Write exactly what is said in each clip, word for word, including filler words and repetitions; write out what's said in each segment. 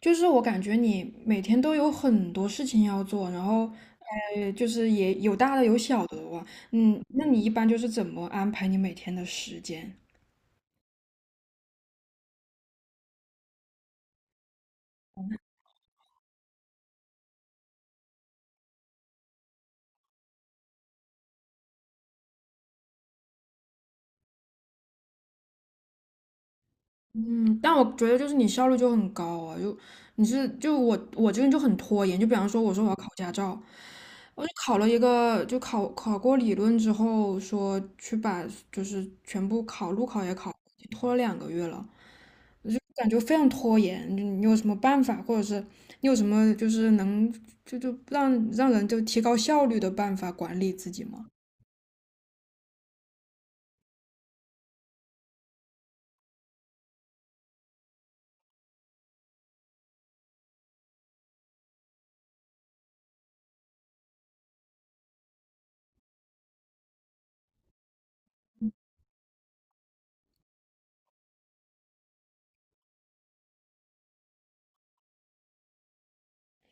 就是我感觉你每天都有很多事情要做，然后，呃，就是也有大的有小的哇。嗯，那你一般就是怎么安排你每天的时间？嗯，但我觉得就是你效率就很高啊，就你是就我我这个人就很拖延。就比方说我说我要考驾照，我就考了一个就考考过理论之后说去把就是全部考路考也考，拖了两个月了。感觉非常拖延。你你有什么办法，或者是你有什么就是能就就让让人就提高效率的办法管理自己吗？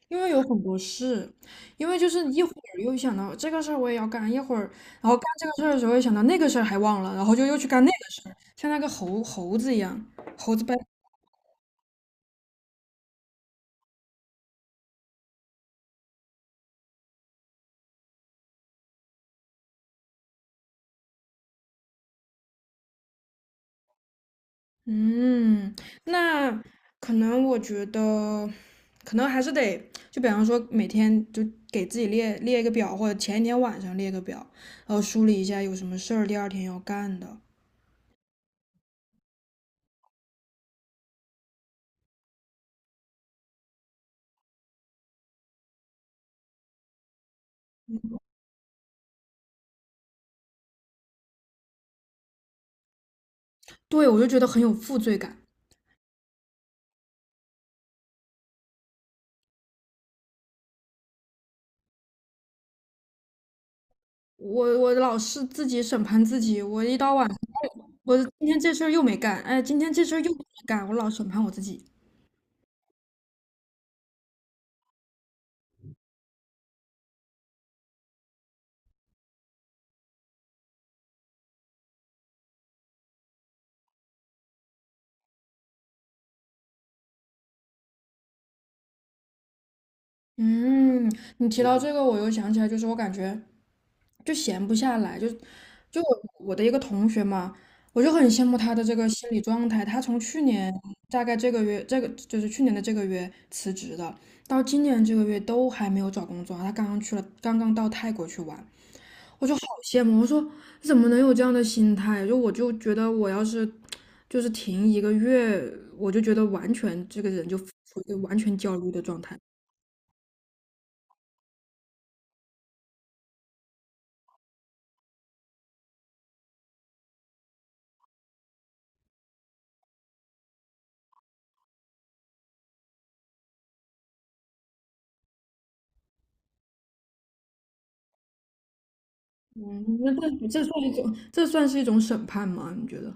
因为有很多事，因为就是一会儿又想到这个事儿我也要干，一会儿然后干这个事儿的时候又想到那个事儿还忘了，然后就又去干那个事儿，像那个猴猴子一样，猴子掰。嗯，那可能我觉得，可能还是得，就比方说每天就给自己列列一个表，或者前一天晚上列个表，然后梳理一下有什么事儿第二天要干的。对，我就觉得很有负罪感。我我老是自己审判自己，我一到晚上，哎我今天这事儿又没干，哎，今天这事儿又没干，我老审判我自己。嗯，你提到这个，我又想起来，就是我感觉就闲不下来，就就我我的一个同学嘛，我就很羡慕他的这个心理状态。他从去年大概这个月，这个就是去年的这个月辞职的，到今年这个月都还没有找工作啊，他刚刚去了，刚刚到泰国去玩，好羡慕。我说怎么能有这样的心态？就我就觉得我要是就是停一个月，我就觉得完全这个人就处于一个完全焦虑的状态。嗯，那这这算一种，这算是一种审判吗？你觉得？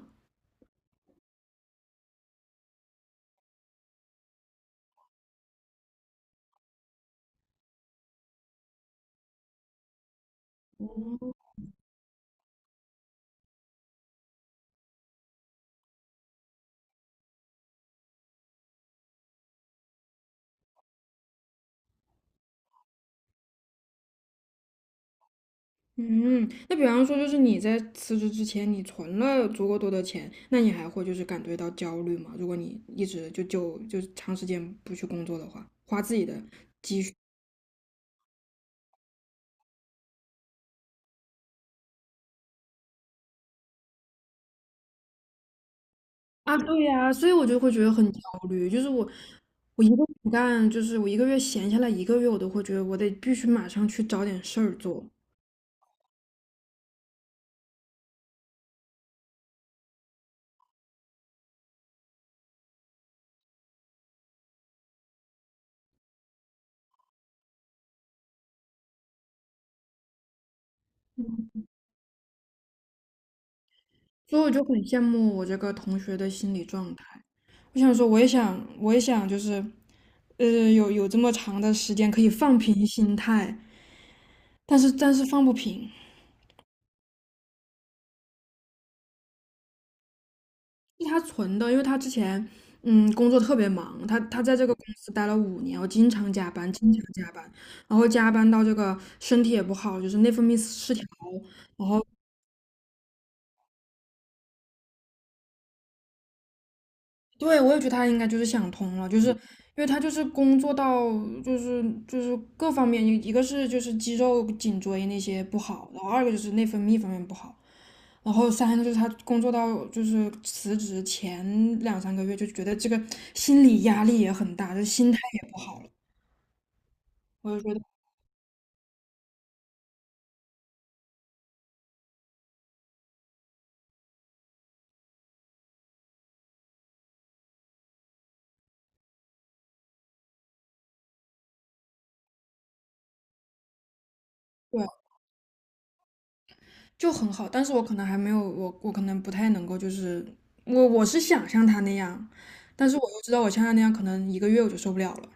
嗯，那比方说，就是你在辞职之前，你存了足够多的钱，那你还会就是感觉到焦虑吗？如果你一直就就就长时间不去工作的话，花自己的。啊，对呀，所以我就会觉得很焦虑，就是我我一个不干，就是我一个月闲下来一个月，我都会觉得我得必须马上去找点事儿做。所以我就很羡慕我这个同学的心理状态。我想说，我也想，我也想，就是，呃，有有这么长的时间可以放平心态，但是但是放不平。是他存的，因为他之前嗯工作特别忙，他他在这个公司待了五年，我经常加班，经常加班，然后加班到这个身体也不好，就是内分泌失调。然后对，我也觉得他应该就是想通了，就是因为他就是工作到就是就是各方面，一个是就是肌肉颈椎那些不好，然后二个就是内分泌方面不好，然后三个就是他工作到就是辞职前两三个月就觉得这个心理压力也很大，就心态也不好了，我就觉得对就很好。但是我可能还没有我我可能不太能够就是我我是想像他那样，但是我又知道我像他那样可能一个月我就受不了了。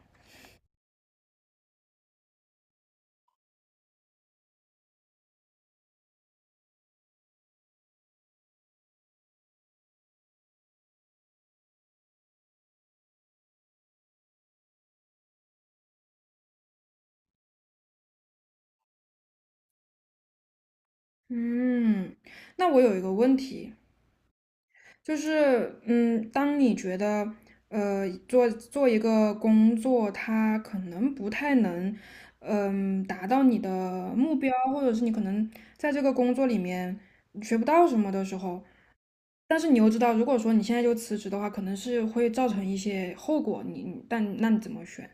嗯，那我有一个问题，就是，嗯，当你觉得，呃，做做一个工作，它可能不太能，嗯，达到你的目标，或者是你可能在这个工作里面学不到什么的时候，但是你又知道，如果说你现在就辞职的话，可能是会造成一些后果，你，但那你怎么选？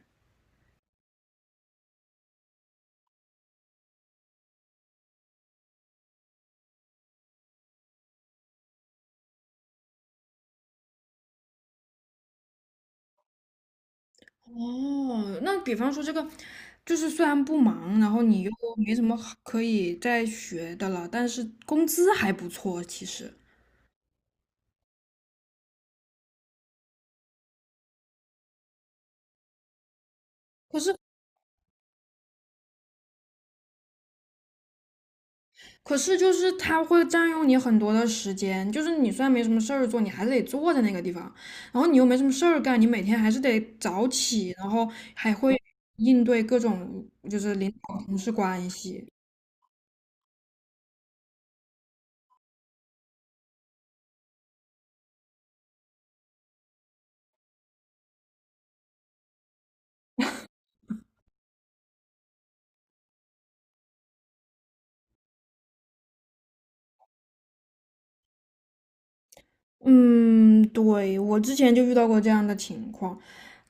哦，那比方说这个，就是虽然不忙，然后你又没什么好可以再学的了，但是工资还不错，其实。可是，可是就是它会占用你很多的时间，就是你虽然没什么事儿做，你还是得坐在那个地方，然后你又没什么事儿干，你每天还是得早起，然后还会应对各种就是领导同事关系。嗯，对，我之前就遇到过这样的情况，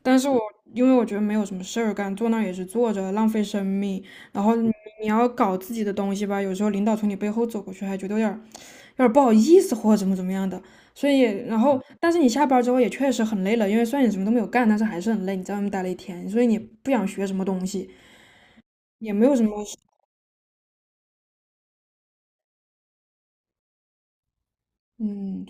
但是我因为我觉得没有什么事儿干，坐那儿也是坐着，浪费生命。然后你你要搞自己的东西吧，有时候领导从你背后走过去，还觉得有点儿有点儿不好意思或者怎么怎么样的。所以，然后但是你下班儿之后也确实很累了，因为虽然你什么都没有干，但是还是很累，你在外面待了一天，所以你不想学什么东西，也没有什么，嗯，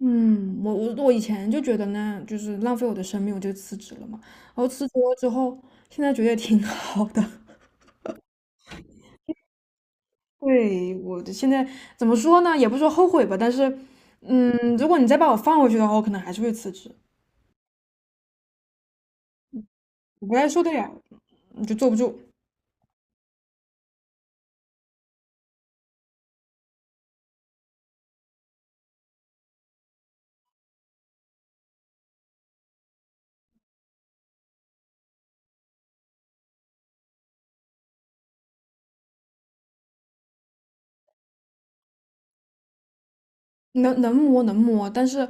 嗯，我我我以前就觉得呢，就是浪费我的生命，我就辞职了嘛。然后辞职了之后，现在觉得也挺 好的。对，我的现在怎么说呢？也不是说后悔吧，但是，嗯，如果你再把我放回去的话，我可能还是会辞职。我不太受得了，就坐不住。能能摸能摸，但是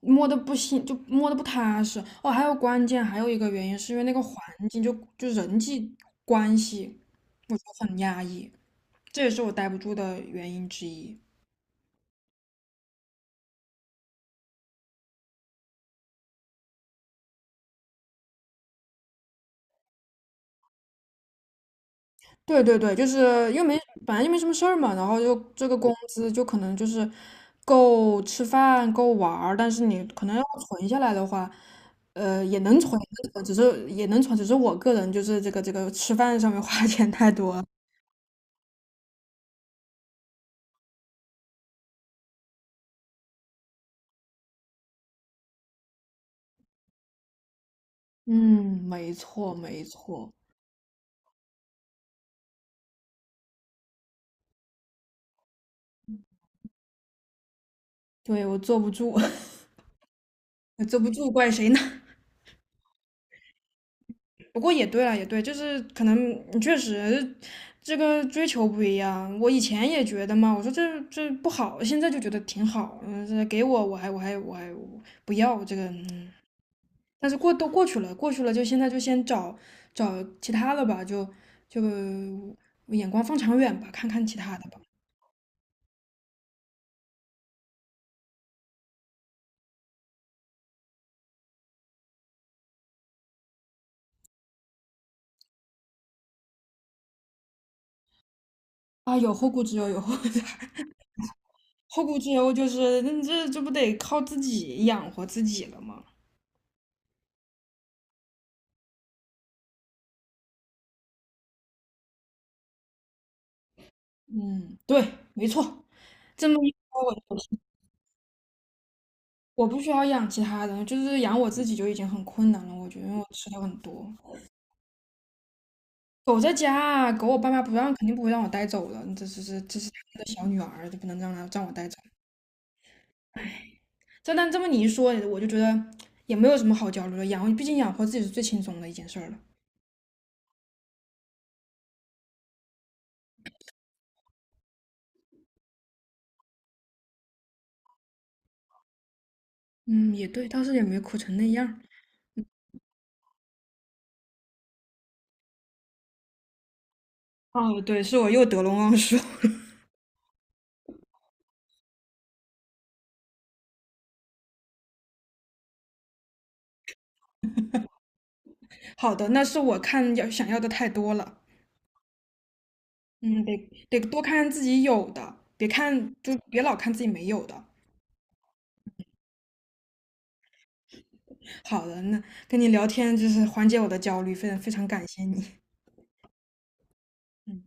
摸的不行，就摸的不踏实。哦，还有关键还有一个原因是因为那个环境就就人际关系，我觉得很压抑，这也是我待不住的原因之一。对对对，就是又没本来就没什么事儿嘛，然后就这个工资就可能就是够吃饭够玩儿，但是你可能要存下来的话，呃，也能存，也能存只是也能存，只是我个人就是这个这个吃饭上面 花钱太多了。嗯，没错没错，对，我坐不住。坐不住怪谁呢？不过也对了，也对，就是可能你确实这个追求不一样。我以前也觉得嘛，我说这这不好，现在就觉得挺好。嗯，这给我我还我还我还不要这个，嗯，但是过都过去了，过去了就现在就先找找其他的吧，就就眼光放长远吧，看看其他的吧。啊，有后顾之忧，有后 后顾之忧就是那这这不得靠自己养活自己了吗？嗯，对，没错，这么一说我就我不需要养其他的，就是养我自己就已经很困难了。我觉得因为我吃的很多。狗在家啊，狗我爸妈不让，肯定不会让我带走的。这这是这是他们的小女儿，就不能让她让我带走。这但这么你一说，我就觉得也没有什么好焦虑的。养，毕竟养活自己是最轻松的一件事儿了。嗯，也对，倒是也没苦成那样。哦，对，是我又得陇望舒。好的，那是我看要想要的太多了。嗯，得得多看看自己有的，别看就别老看自己没有的。好的，那跟你聊天就是缓解我的焦虑，非常非常感谢你。嗯。